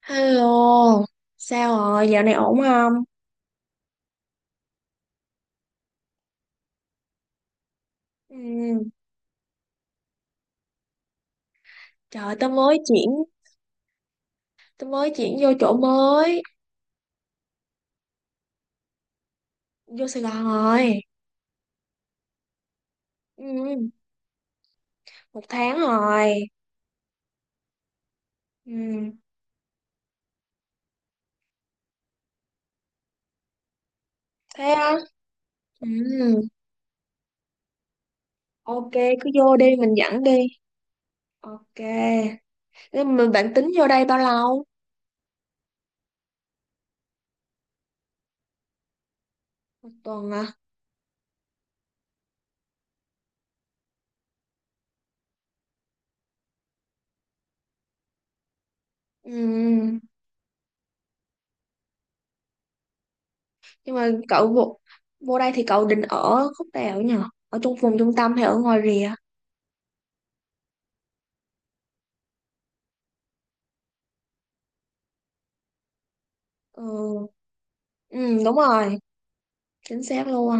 Hello, sao rồi, dạo này ổn không? Ừ, trời, tao mới chuyển vô chỗ mới, vô Sài Gòn rồi. Ừ, một tháng rồi. Ừ, thế á? Ừ, ok, cứ vô đi, mình dẫn đi. Ok, nhưng mà bạn tính vô đây bao lâu? Một tuần à? Ừ, nhưng mà vô đây thì cậu định ở khúc nào nhỉ? Ở trong vùng trung tâm hay ở ngoài rìa? Ừ, ừ đúng rồi, chính xác luôn.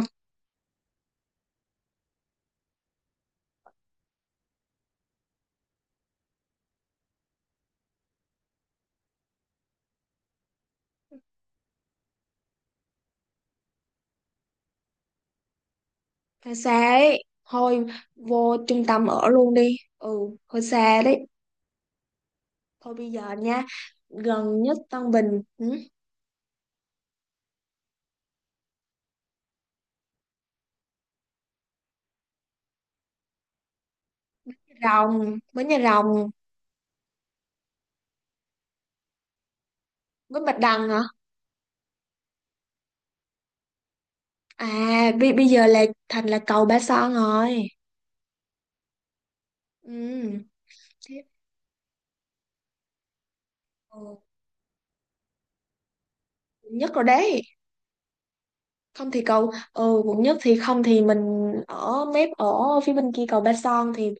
Hơi xa ấy, thôi vô trung tâm ở luôn đi, ừ, hơi xa đấy. Thôi bây giờ nha, gần nhất Tân Bình ừ? Rồng, Bến Nhà Rồng. Bến Bạch Đằng hả? À bây giờ là thành là cầu Ba Son rồi, ừ. thế- ừ. Quận nhất rồi đấy, không thì cầu, ừ quận nhất, thì không thì mình ở mép, ở phía bên kia cầu Ba Son thì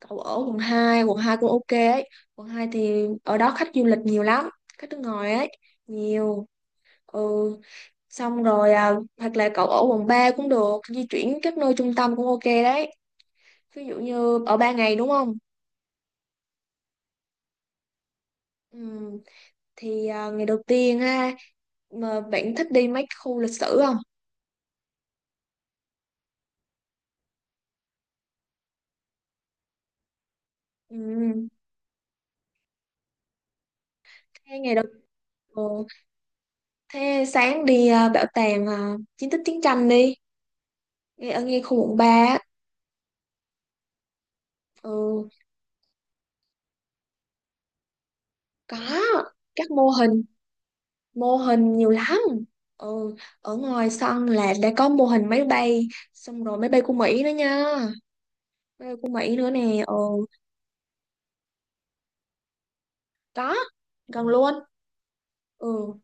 cầu ở quận hai, quận 2 cũng ok ấy. Quận 2 thì ở đó khách du lịch nhiều lắm, khách nước ngoài ấy, nhiều. Ừ xong rồi à, hoặc là cậu ở quận 3 cũng được, di chuyển các nơi trung tâm cũng ok đấy. Ví dụ như ở 3 ngày đúng không, ừ, thì ngày đầu tiên ha, mà bạn thích đi mấy khu lịch sử không? Ừ, thế ngày đầu, ừ, thế sáng đi à, bảo tàng à, chiến tích chiến tranh đi, ngay ở ngay khu quận 3 á. Ừ có, các mô hình, mô hình nhiều lắm. Ừ ở ngoài sân là đã có mô hình máy bay, xong rồi máy bay của Mỹ nữa nha, quê của Mỹ nữa nè ờ, có gần luôn. Ừ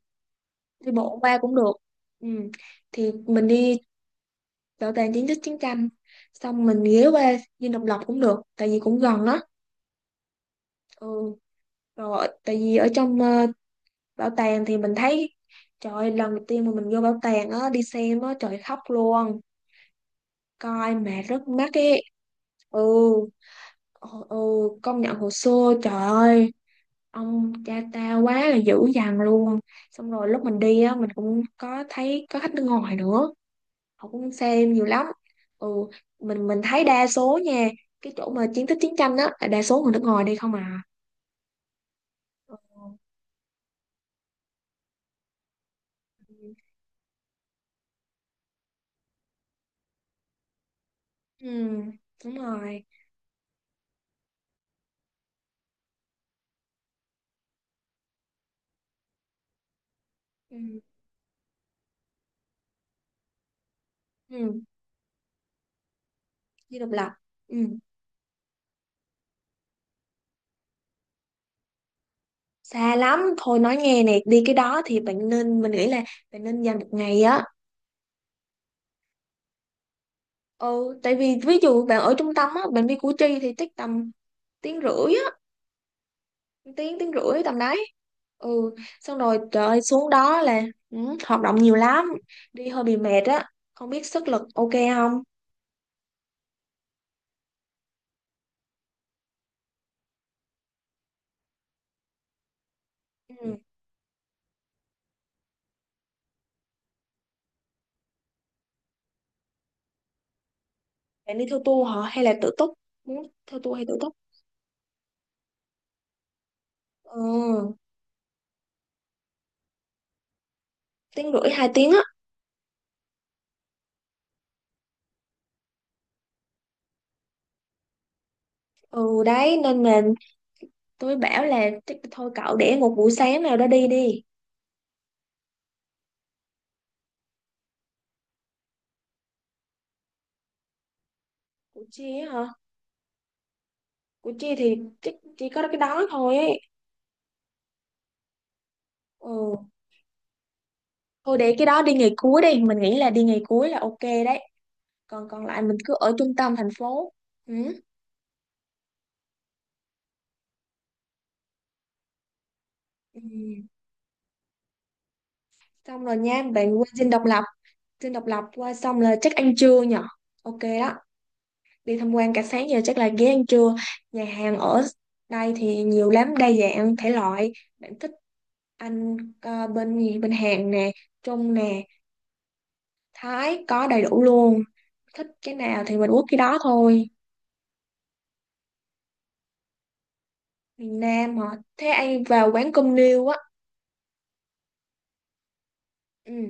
đi bộ qua cũng được. Ừ thì mình đi bảo tàng chiến tích chiến tranh, xong mình ghé qua Dinh Độc Lập cũng được, tại vì cũng gần đó. Ừ rồi tại vì ở trong bảo tàng thì mình thấy, trời ơi, lần đầu tiên mà mình vô bảo tàng á đi xem á trời khóc luôn, coi mà rất mắc ấy. Ừ ừ ừ, công nhận hồ sơ, trời ơi, ông cha tao quá là dữ dằn luôn. Xong rồi lúc mình đi á mình cũng có thấy có khách nước ngoài nữa, họ cũng xem nhiều lắm. Ừ mình thấy đa số nha, cái chỗ mà chiến tích chiến tranh á là đa số người nước ngoài đi không à. Ừ, ừ, đúng rồi, ừ, ừ. Đi độc lập, ừ. Xa lắm, thôi nói nghe nè, đi cái đó thì bạn nên, mình nghĩ là bạn nên dành một ngày á. Ừ tại vì ví dụ bạn ở trung tâm á bạn đi Củ Chi thì chắc tầm tiếng rưỡi á, tiếng tiếng rưỡi tầm đấy. Ừ xong rồi trời ơi, xuống đó là, ừ, hoạt động nhiều lắm, đi hơi bị mệt á không biết sức lực ok không. Ừ. Bạn đi theo tour hả hay là tự túc, muốn theo tour hay tự túc? Ừ tiếng rưỡi hai tiếng á, ừ đấy nên là tôi bảo là chắc thôi cậu để một buổi sáng nào đó đi. Đi Củ Chi á hả? Củ Chi thì chắc chỉ có cái đó thôi ấy. Ừ thôi để cái đó đi ngày cuối đi, mình nghĩ là đi ngày cuối là ok đấy, còn còn lại mình cứ ở trung tâm thành phố. Ừ. Ừ. Xong rồi nha, bạn qua dinh độc lập qua xong là chắc ăn trưa nhở. Ok đó, đi tham quan cả sáng giờ chắc là ghé ăn trưa. Nhà hàng ở đây thì nhiều lắm, đa dạng thể loại. Bạn thích ăn bên gì? Bên Hàn nè, Trung nè, Thái có đầy đủ luôn. Thích cái nào thì mình uống cái đó thôi. Miền Nam hả? Thế ai vào quán cơm niêu á. Ừ,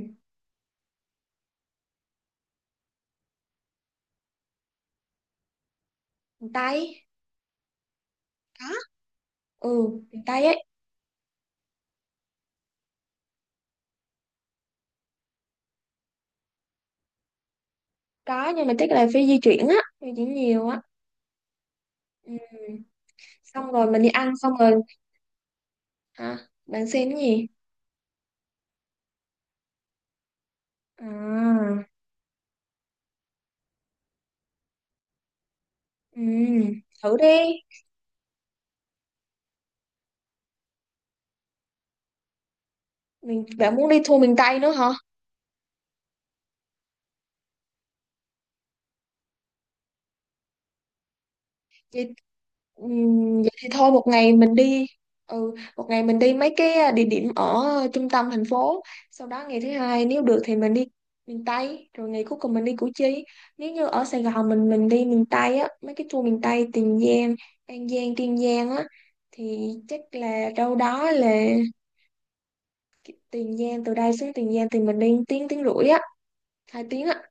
miền Tây. Có. Ừ, miền Tây ấy. Có nhưng mà chắc là phải di chuyển á, di chuyển nhiều á. Ừ. Xong rồi mình đi ăn xong rồi, hả, bạn xem cái gì? À ừ, thử đi. Mình bạn muốn đi tour miền Tây nữa hả? Vậy, ừ, vậy thì thôi một ngày mình đi, ừ một ngày mình đi mấy cái địa điểm ở trung tâm thành phố, sau đó ngày thứ hai nếu được thì mình đi miền Tây, rồi ngày cuối cùng mình đi Củ Chi. Nếu như ở Sài Gòn mình đi miền Tây á mấy cái tour miền Tây Tiền Giang An Giang Kiên Giang á, thì chắc là đâu đó là Tiền Giang, từ đây xuống Tiền Giang thì mình đi tiếng tiếng rưỡi á, hai tiếng á.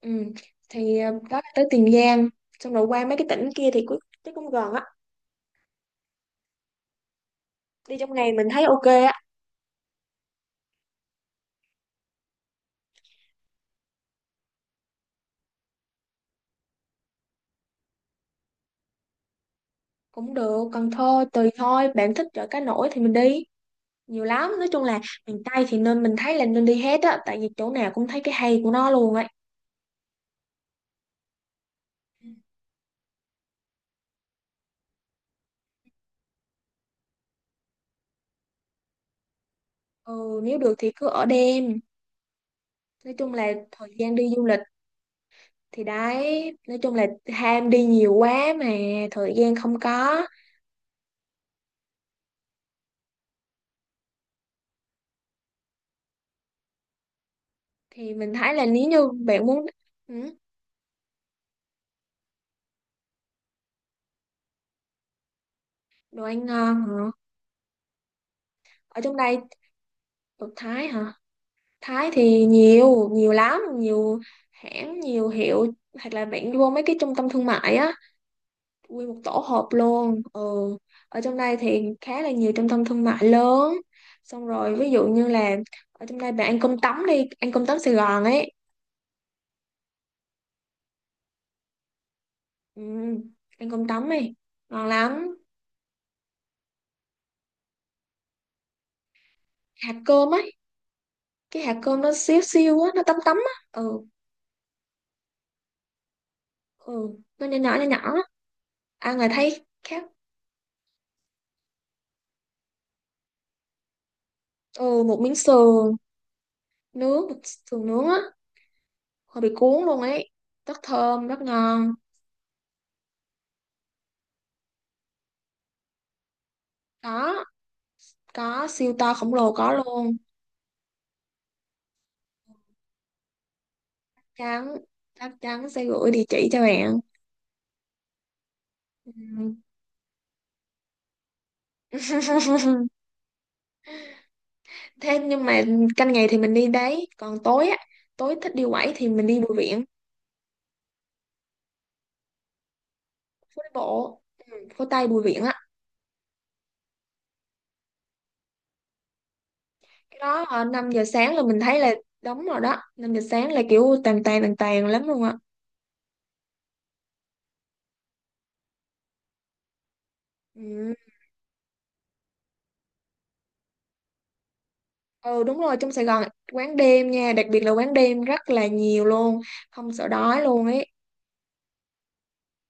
Ừ. Thì đó là tới Tiền Giang, xong rồi qua mấy cái tỉnh kia thì cũng gần á, đi trong ngày mình thấy ok á. Cũng được, Cần Thơ tùy thôi, bạn thích chợ cá nổi thì mình đi, nhiều lắm, nói chung là miền Tây thì nên, mình thấy là nên đi hết á, tại vì chỗ nào cũng thấy cái hay của nó luôn ấy. Ừ nếu được thì cứ ở đêm, nói chung là thời gian đi du lịch thì đấy, nói chung là ham đi nhiều quá mà thời gian không có. Thì mình thấy là nếu như bạn muốn, ừ, đồ ăn ngon hả? Ở trong đây, đồ Thái hả? Thái thì nhiều, nhiều lắm, nhiều hãng nhiều hiệu, hoặc là bạn đi vô mấy cái trung tâm thương mại á, nguyên một tổ hợp luôn ừ. Ở trong đây thì khá là nhiều trung tâm thương mại lớn, xong rồi ví dụ như là, ở trong đây bạn ăn cơm tấm đi, ăn cơm tấm Sài Gòn ấy. Ừ. Ăn cơm tấm đi, ngon lắm. Hạt cơm ấy, cái hạt cơm nó xíu xiu á, nó tấm tấm á, ừ, ừ nó nhỏ nhỏ nhỏ nhỏ, ăn là thấy khác. Ừ, một miếng sườn, nướng, một sườn nướng á, hơi bị cuốn luôn ấy, rất thơm rất ngon. có có siêu to khổng lồ, có luôn. chắn Chắc chắn sẽ gửi địa chỉ cho bạn. Ừ. Thế nhưng mà, canh ngày thì mình đi đấy, còn tối á, tối thích đi quẩy thì mình đi Bùi Viện. Phố đi bộ, ừ, phố Tây Bùi Viện á. Cái đó 5 giờ sáng là mình thấy là đóng rồi đó, 5 giờ sáng là kiểu tàn tàn tàn tàn lắm luôn á. Ừ. Ừ đúng rồi, trong Sài Gòn quán đêm nha, đặc biệt là quán đêm rất là nhiều luôn, không sợ đói luôn ấy.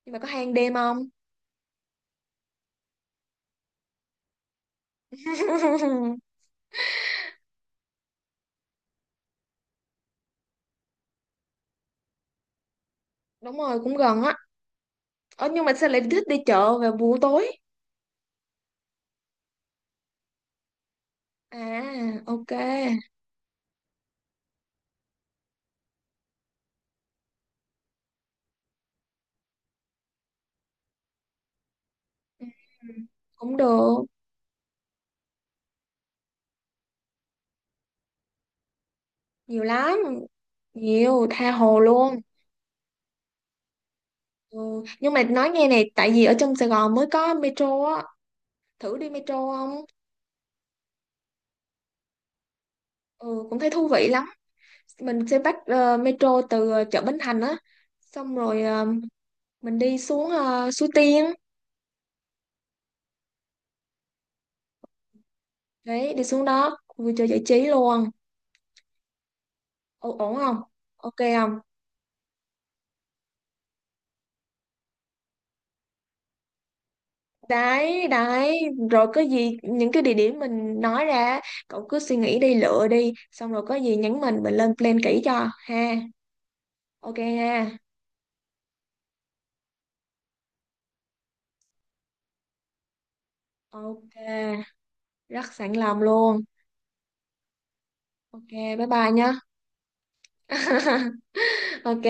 Nhưng mà có hang đêm không? Đúng rồi cũng gần á. Ờ, nhưng mà sao lại thích đi chợ vào buổi tối? À ok. Ừ, cũng được, nhiều lắm, nhiều tha hồ luôn. Ừ. Nhưng mà nói nghe này, tại vì ở trong Sài Gòn mới có metro á, thử đi metro không? Ừ cũng thấy thú vị lắm, mình sẽ bắt metro từ chợ Bến Thành á, xong rồi mình đi xuống Suối Tiên, đấy đi xuống đó vui chơi giải trí luôn. Ồ, ổn không? Ok không? Đấy đấy, rồi có gì những cái địa điểm mình nói ra, cậu cứ suy nghĩ đi, lựa đi, xong rồi có gì nhắn mình lên plan kỹ cho ha. Ok ha? Ok, rất sẵn lòng luôn. Ok bye bye nhá. Ok.